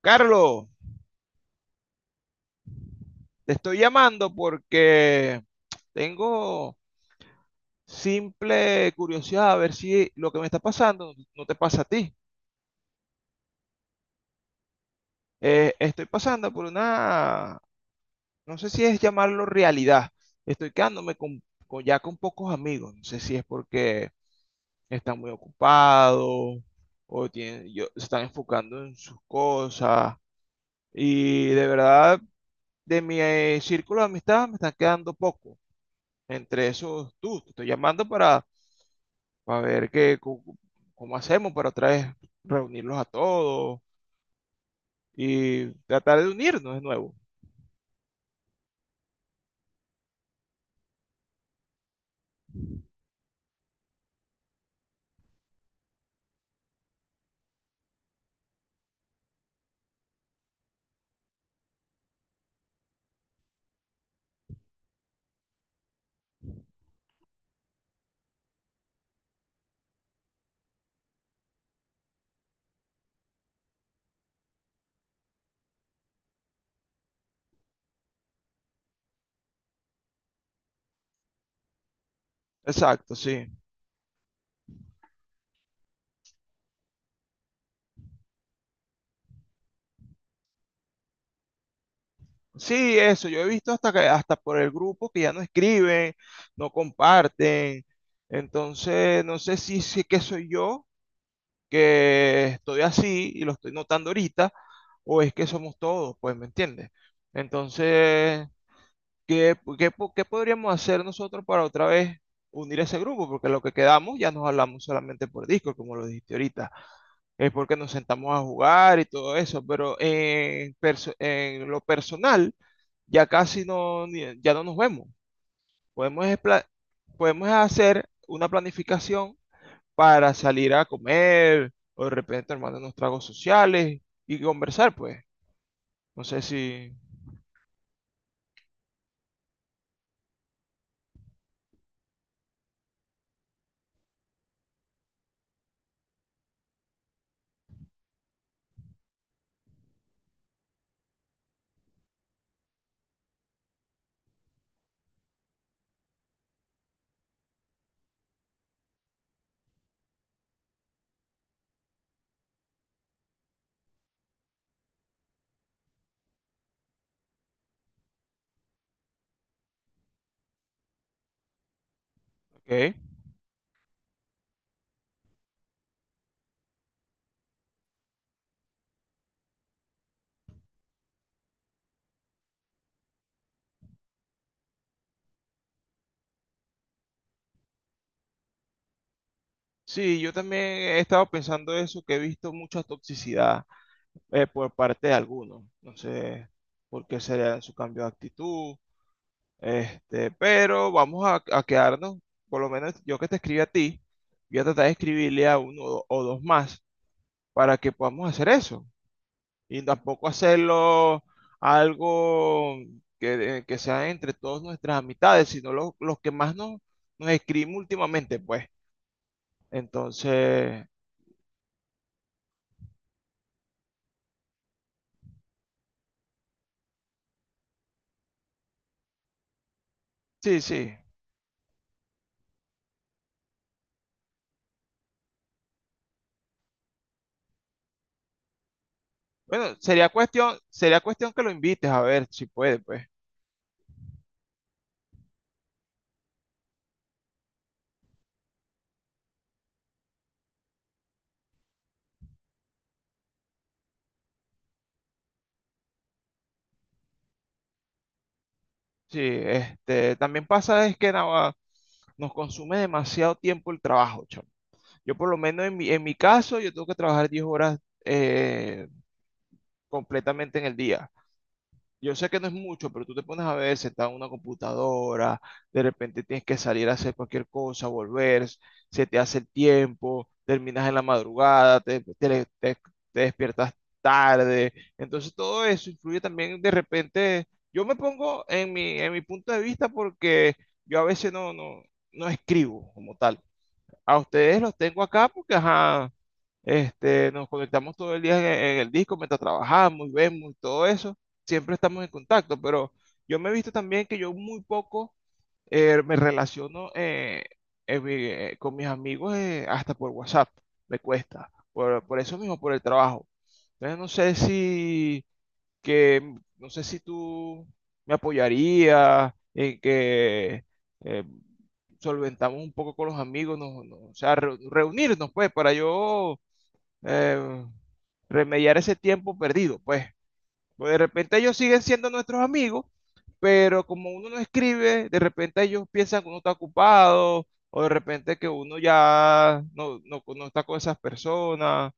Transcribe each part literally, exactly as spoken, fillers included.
Carlos, te estoy llamando porque tengo simple curiosidad a ver si lo que me está pasando no te pasa a ti. Eh, estoy pasando por una, no sé si es llamarlo realidad. Estoy quedándome con, con- ya con pocos amigos. No sé si es porque están muy ocupados o tienen, yo- se están enfocando en sus cosas. Y de verdad, de mi eh, círculo de amistad me están quedando poco. Entre esos, tú, te estoy llamando para para ver qué, cu- cómo hacemos para otra vez reunirlos a todos y tratar de unirnos de nuevo. Exacto, sí. Sí, eso, yo he visto hasta que, hasta por el grupo que ya no escriben, no comparten. Entonces, no sé si, si es que soy yo que estoy así y lo estoy notando ahorita, o es que somos todos, pues, ¿me entiendes? Entonces, ¿Qué, qué po- qué podríamos hacer nosotros para otra vez unir ese grupo? Porque lo que quedamos ya nos hablamos solamente por Discord, como lo dijiste ahorita. Es porque nos sentamos a jugar y todo eso, pero en, perso- en lo personal ya casi no, ni- ya no nos vemos. Podemos, es pla- podemos hacer una planificación para salir a comer o de repente armar unos tragos sociales y conversar, pues. No sé si. Ok. Sí, yo también he estado pensando eso, que he visto mucha toxicidad eh, por parte de algunos. No sé por qué sería su cambio de actitud, este, pero vamos a, a quedarnos, por lo menos yo que te escribí a ti, voy a tratar de escribirle a uno o o dos más para que podamos hacer eso. Y tampoco hacerlo algo que, que sea entre todas nuestras amistades, sino lo- los que más nos, nos escribimos últimamente, pues. Entonces, sí, sí. Bueno, sería cuestión, sería cuestión que lo invites a ver si puede, pues. Sí, este, también pasa es que nada, nos consume demasiado tiempo el trabajo, chamo. Yo por lo menos en mi, en mi caso, yo tengo que trabajar diez horas eh, completamente en el día. Yo sé que no es mucho, pero tú te pones a ver sentado en una computadora, de repente tienes que salir a hacer cualquier cosa, volver, se te hace el tiempo, terminas en la madrugada, te, te- te- te despiertas tarde. Entonces todo eso influye también de repente. Yo me pongo en mi, en mi punto de vista porque yo a veces no, no, no escribo como tal. A ustedes los tengo acá porque, ajá, este, nos conectamos todo el día en, en el disco mientras trabajamos y vemos y todo eso. Siempre estamos en contacto, pero yo me he visto también que yo muy poco eh, me relaciono eh, en mi- eh, con mis amigos eh, hasta por WhatsApp. Me cuesta. Por, por eso mismo, por el trabajo. Entonces no sé si que no sé si tú me apoyarías en que eh, solventamos un poco con los amigos, nos- nos- o sea, reu- reunirnos pues para yo eh, remediar ese tiempo perdido, pues. Pues de repente ellos siguen siendo nuestros amigos, pero como uno no escribe, de repente ellos piensan que uno está ocupado, o de repente que uno ya no, no, no está con esas personas.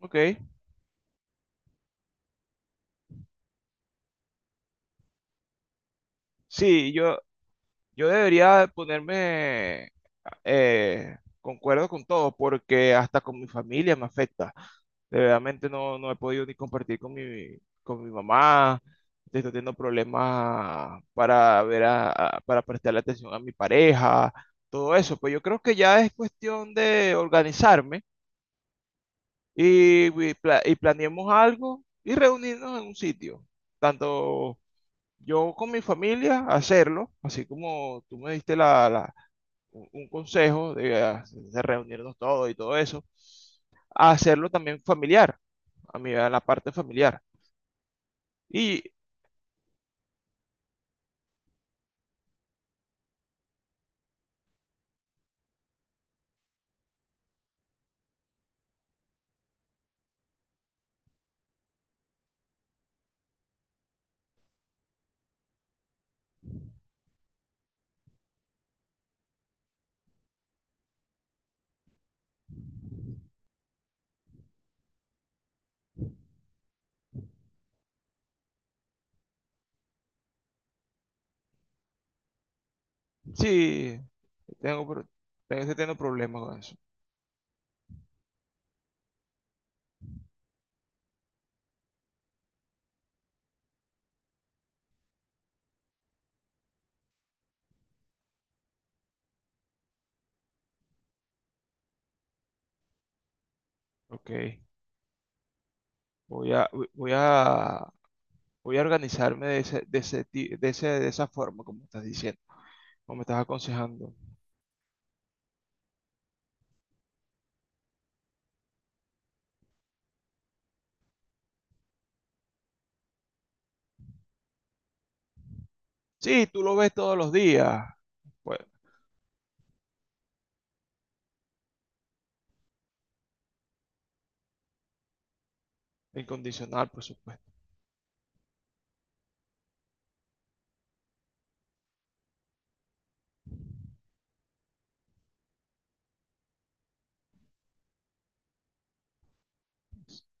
Ok. Sí, yo, yo debería ponerme. Eh, concuerdo con todo, porque hasta con mi familia me afecta. De Verdaderamente no, no he podido ni compartir con mi, con mi mamá. Estoy teniendo problemas para ver a, a- para prestarle atención a mi pareja, todo eso. Pues yo creo que ya es cuestión de organizarme y, y pla- y planeemos algo y reunirnos en un sitio. Tanto yo con mi familia, hacerlo, así como tú me diste la, la- un, un consejo de, ah, de reunirnos todos y todo eso, a hacerlo también familiar, a mí, a la parte familiar. Y sí, tengo, pro- tengo, sí tengo problemas con eso. Ok, voy a, voy voy a, voy a organizarme de ese, de ese, ti- de ese- de esa forma, como estás diciendo, como me estás aconsejando. Sí, tú lo ves todos los días. Bueno, incondicional, por supuesto.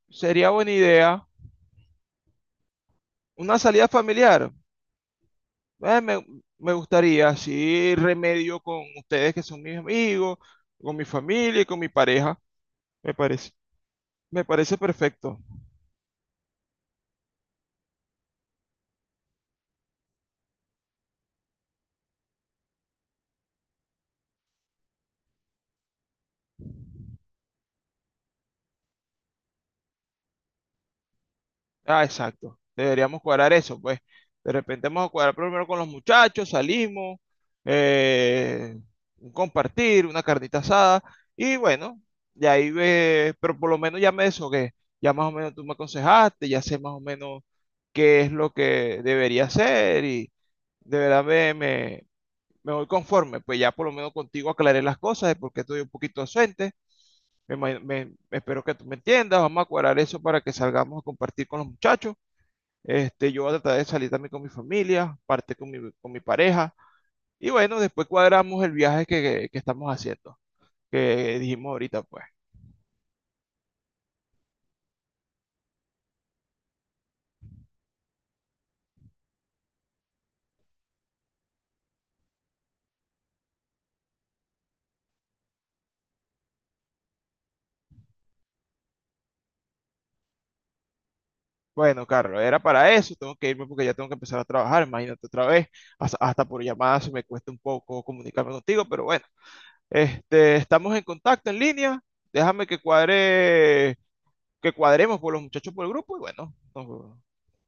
Sería buena idea una salida familiar. Eh, me, me gustaría, así remedio con ustedes que son mis amigos, con mi familia y con mi pareja. Me parece, me parece perfecto. Ah, exacto. Deberíamos cuadrar eso, pues. De repente vamos a cuadrar primero con los muchachos, salimos, eh, un compartir, una carnita asada. Y bueno, de ahí ve, pero por lo menos ya me deshogué. Ya más o menos tú me aconsejaste, ya sé más o menos qué es lo que debería hacer y de verdad me, me- me voy conforme, pues ya por lo menos contigo aclaré las cosas de por qué estoy un poquito ausente. Me, me- espero que tú me entiendas. Vamos a cuadrar eso para que salgamos a compartir con los muchachos. Este, yo voy a tratar de salir también con mi familia, parte con mi, con mi pareja. Y bueno, después cuadramos el viaje que, que- que estamos haciendo, que dijimos ahorita, pues. Bueno, Carlos, era para eso. Tengo que irme porque ya tengo que empezar a trabajar. Imagínate otra vez. Hasta, hasta por llamadas me cuesta un poco comunicarme contigo, pero bueno, este, estamos en contacto en línea. Déjame que cuadre, que cuadremos por los muchachos por el grupo y bueno, nos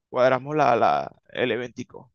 cuadramos la, la, el eventico.